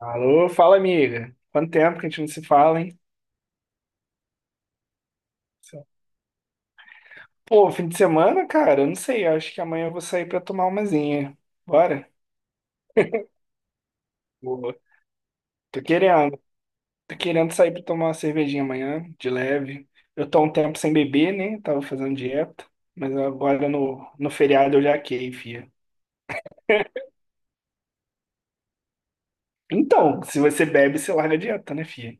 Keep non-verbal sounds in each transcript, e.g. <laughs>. Alô, fala amiga. Quanto tempo que a gente não se fala, hein? Pô, fim de semana, cara, eu não sei. Eu Acho que amanhã eu vou sair pra tomar umazinha. Bora? Boa. Tô querendo. Tô querendo sair pra tomar uma cervejinha amanhã, de leve. Eu tô há um tempo sem beber, né? Tava fazendo dieta. Mas agora no feriado eu já quei, fia. Então, se você bebe, você larga a dieta, né, fia?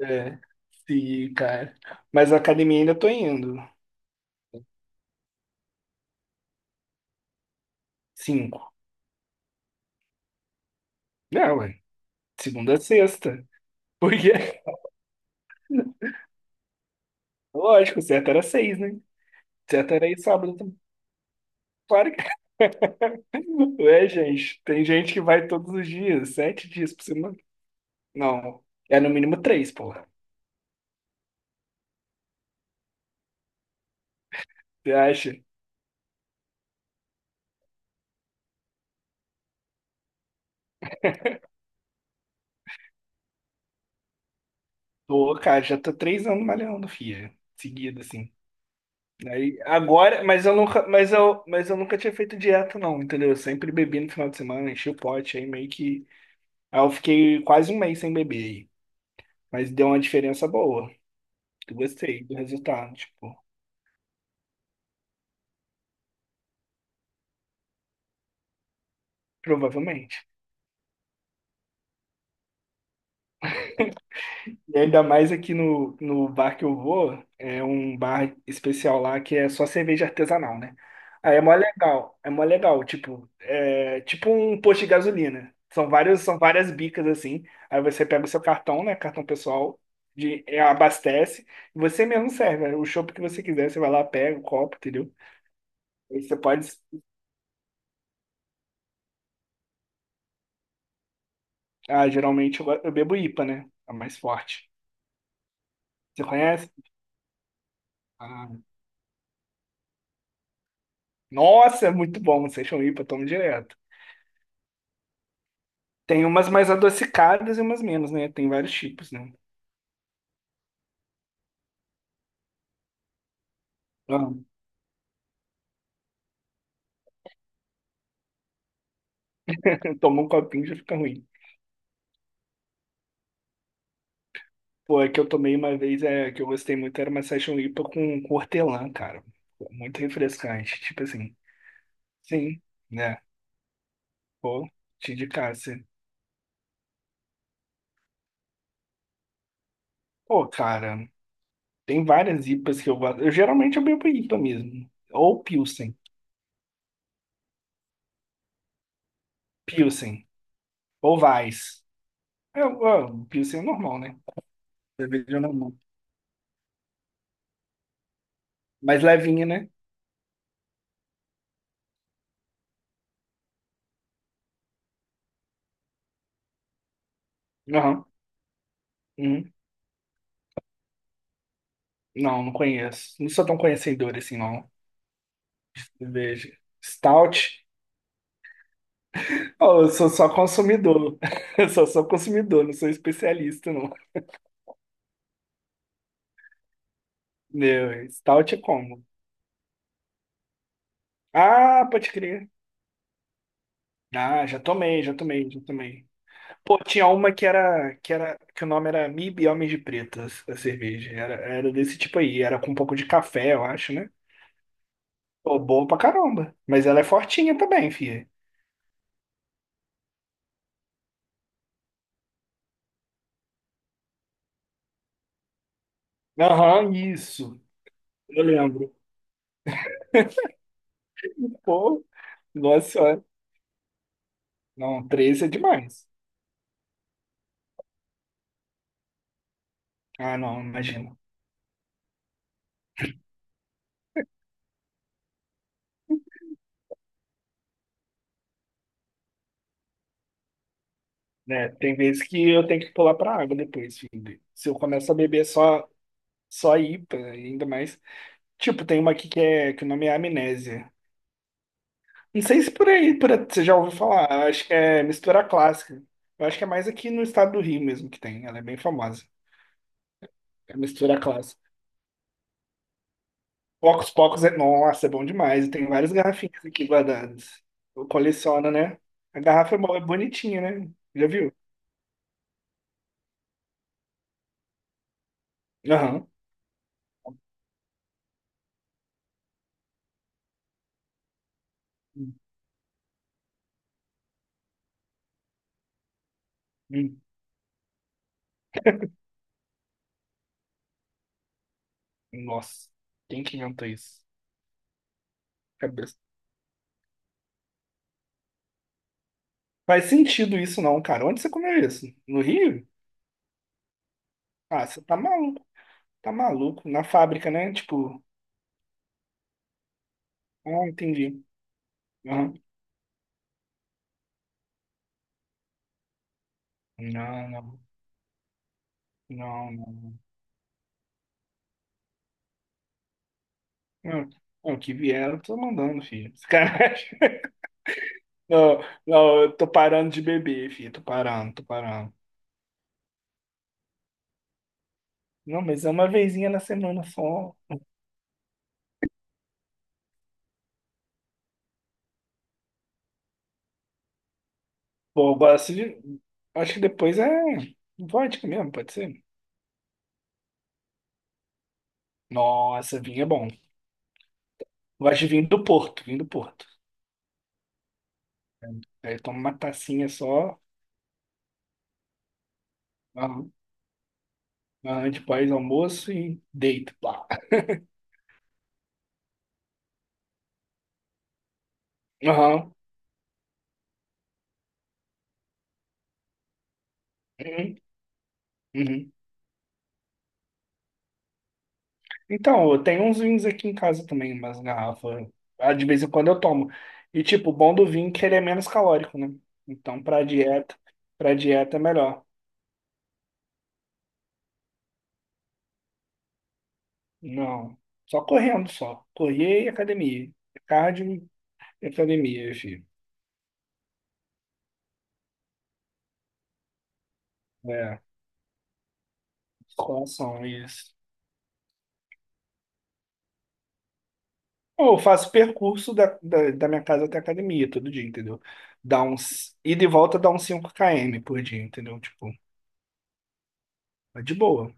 É, sim, cara. Mas a academia ainda tô indo. Cinco. Não, ué. Segunda a sexta. Por quê? Lógico, o certo era seis, né? O certo era ir sábado também. Claro que <laughs> não é, gente. Tem gente que vai todos os dias, sete dias por semana. Não, é no mínimo três, porra. Você acha? Tô, cara, já tô três anos malhando, filha. Seguido, assim. Aí, agora, mas eu nunca tinha feito dieta, não, entendeu? Eu sempre bebi no final de semana, enchi o pote, aí meio que. Aí eu fiquei quase um mês sem beber aí. Mas deu uma diferença boa. Eu gostei do resultado, tipo, provavelmente. E ainda mais aqui no bar que eu vou, é um bar especial lá que é só cerveja artesanal, né? Aí é mó legal, tipo, é tipo um posto de gasolina. São várias bicas assim. Aí você pega o seu cartão, né? Cartão pessoal, de, é, abastece, e você mesmo serve. Né? O chopp que você quiser, você vai lá, pega o copo, entendeu? Aí você pode. Ah, geralmente eu bebo IPA, né? A mais forte. Você conhece? Ah, nossa, é muito bom. Vocês são IPA, tomo direto. Tem umas mais adocicadas e umas menos, né? Tem vários tipos, né? Ah, <laughs> eu um copinho e já fica ruim. Pô, a que eu tomei uma vez, é, que eu gostei muito, era uma Session IPA com hortelã, cara. Pô, muito refrescante, tipo assim. Sim, né? Pô, te indicasse. Pô, cara, tem várias IPAs que eu gosto. Eu geralmente eu bebo IPA mesmo. Ou Pilsen. Pilsen. Ou Weiss. É, ó, Pilsen é normal, né? Cerveja normal. Mais levinha, né? Aham. Uhum. Não, não conheço. Não sou tão conhecedor assim, não. Veja. Stout? Oh, eu sou só consumidor. <laughs> Eu sou só sou consumidor, não sou especialista, não. Meu, Stout é como? Ah, pode crer. Ah, já tomei, já tomei, já tomei. Pô, tinha uma que o nome era Mib Homens de Pretas, a cerveja. Era desse tipo aí, era com um pouco de café, eu acho, né? Pô, boa pra caramba. Mas ela é fortinha também, filha. Aham, isso. Eu lembro. Pô, nossa, não, três é demais. Ah, não, imagina. Né, tem vezes que eu tenho que pular pra água depois, filho. Se eu começo a beber só, só IPA, ainda mais. Tipo, tem uma aqui que, é, que o nome é Amnésia. Não sei se por aí, por, aí você já ouviu falar. Eu acho que é mistura clássica. Eu acho que é mais aqui no estado do Rio mesmo que tem. Ela é bem famosa. É mistura clássica. Pocos Pocos é. Nossa, é bom demais. Eu tenho várias garrafinhas aqui guardadas. Eu coleciono, né? A garrafa é bo- é bonitinha, né? Já viu? Aham. Hum. Nossa, quem que inventou isso? Cabeça. Faz sentido isso não, cara. Onde você comeu isso? No Rio? Ah, você tá maluco. Tá maluco. Na fábrica, né? Tipo, ah, entendi. Aham. Não, não, não, não. Não, hum, não, o que vieram, eu tô mandando, filho. Esse <laughs> não, não, eu tô parando de beber, filho. Tô parando, tô parando. Não, mas é uma vezinha na semana só. Pô, eu gosto de... Acho que depois é vodka mesmo, pode ser? Nossa, vinho é bom. Gosto de vinho do Porto, vinho do Porto. Aí toma uma tacinha só, aham, aham, de pós-almoço e deito, pá. Aham, uhum, uhum. Então, eu tenho uns vinhos aqui em casa também, umas garrafas. Ah, de vez em quando eu tomo. E, tipo, o bom do vinho é que ele é menos calórico, né? Então, pra dieta é melhor. Não, só correndo, só. Correr e academia. Cardio e academia, filho. É, musculação, isso. Eu faço percurso da minha casa até a academia todo dia, entendeu? Dá uns, ida e volta dá uns 5 km por dia, entendeu? Tipo, é de boa.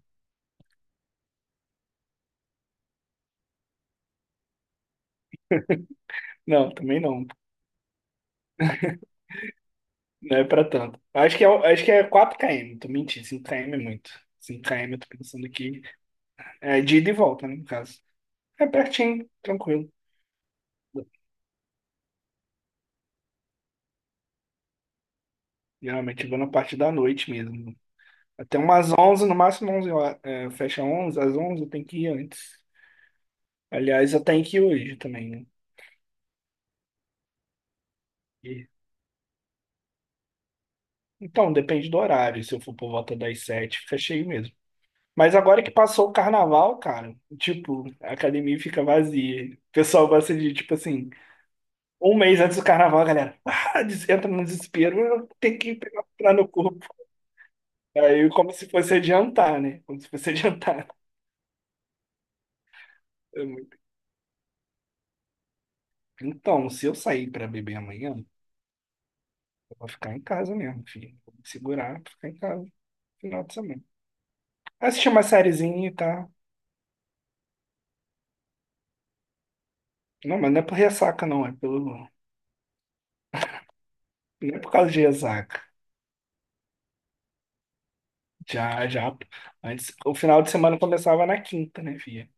Não, também não. Não é pra tanto. Acho que é 4 km, tô mentindo. 5 km é muito. 5 km eu tô pensando aqui. É de ida e volta, né, no caso. É pertinho, tranquilo. Geralmente eu vou na parte da noite mesmo. Até umas 11 no máximo 11 horas. É, fecha onze, às 11 eu tenho que ir antes. Aliás, eu tenho que ir hoje também, né? Então, depende do horário. Se eu for por volta das sete, fica cheio mesmo. Mas agora que passou o carnaval, cara, tipo, a academia fica vazia. O pessoal gosta de, tipo assim, um mês antes do carnaval, a galera ah, des- entra no desespero, eu tenho que pegar pra no corpo. Aí, como se fosse adiantar, né? Como se fosse <laughs> adiantar. É muito. Então, se eu sair pra beber amanhã, eu vou ficar em casa mesmo, filho. Vou me segurar pra ficar em casa no final de semana. Assistir uma sériezinha e tá. Não, mas não é por ressaca, não, é pelo. Não é por causa de ressaca. Já, já. Pô. Antes, o final de semana começava na quinta, né, filha?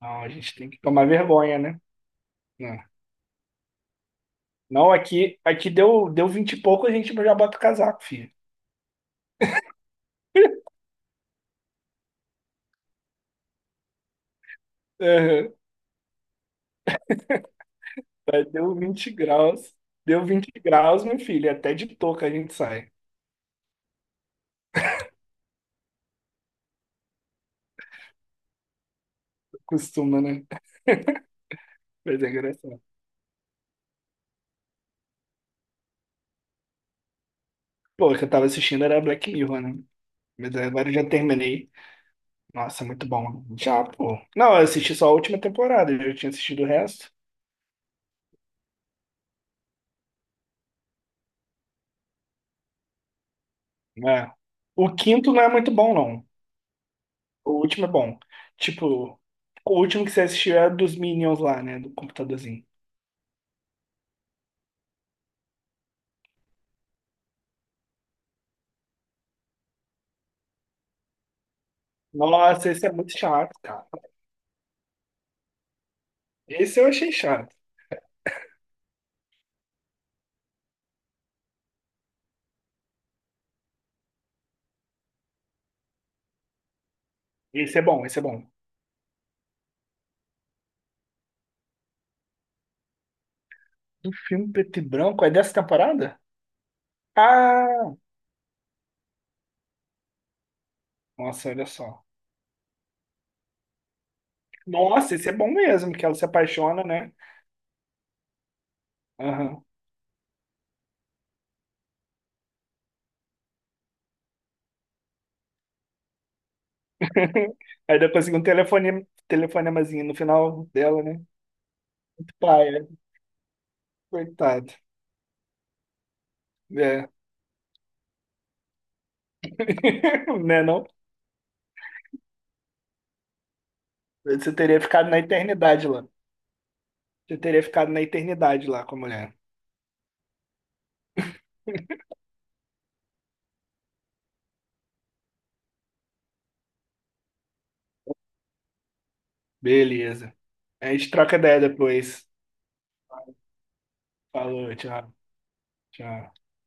Então a gente tem que tomar vergonha, né? Não, não, aqui, aqui deu, deu 20 e pouco, a gente já bota o casaco, filha. Aham. Aí deu 20 graus. Deu 20 graus, meu filho. Até de touca a gente sai. Costuma, né? Mas é engraçado. Pô, o que eu tava assistindo era Black Mirror, né? Mas agora eu já terminei. Nossa, muito bom. Já, pô. Não, eu assisti só a última temporada, eu já tinha assistido o resto. É. O quinto não é muito bom, não. O último é bom. Tipo, o último que você assistiu é dos Minions lá, né? Do computadorzinho. Nossa, esse é muito chato, cara. Esse eu achei chato. Esse é bom, esse é bom. Do filme preto e branco, é dessa temporada? Ah, nossa, olha só. Nossa, esse é bom mesmo, que ela se apaixona, né? Aham. <laughs> Aí depois fica um telefone, telefonemazinho no final dela, né? Pai, é, coitado. É. <laughs> Né, não? Você teria ficado na eternidade lá. Você teria ficado na eternidade lá com a mulher. Beleza. A gente troca ideia depois. Falou, tchau, tchau.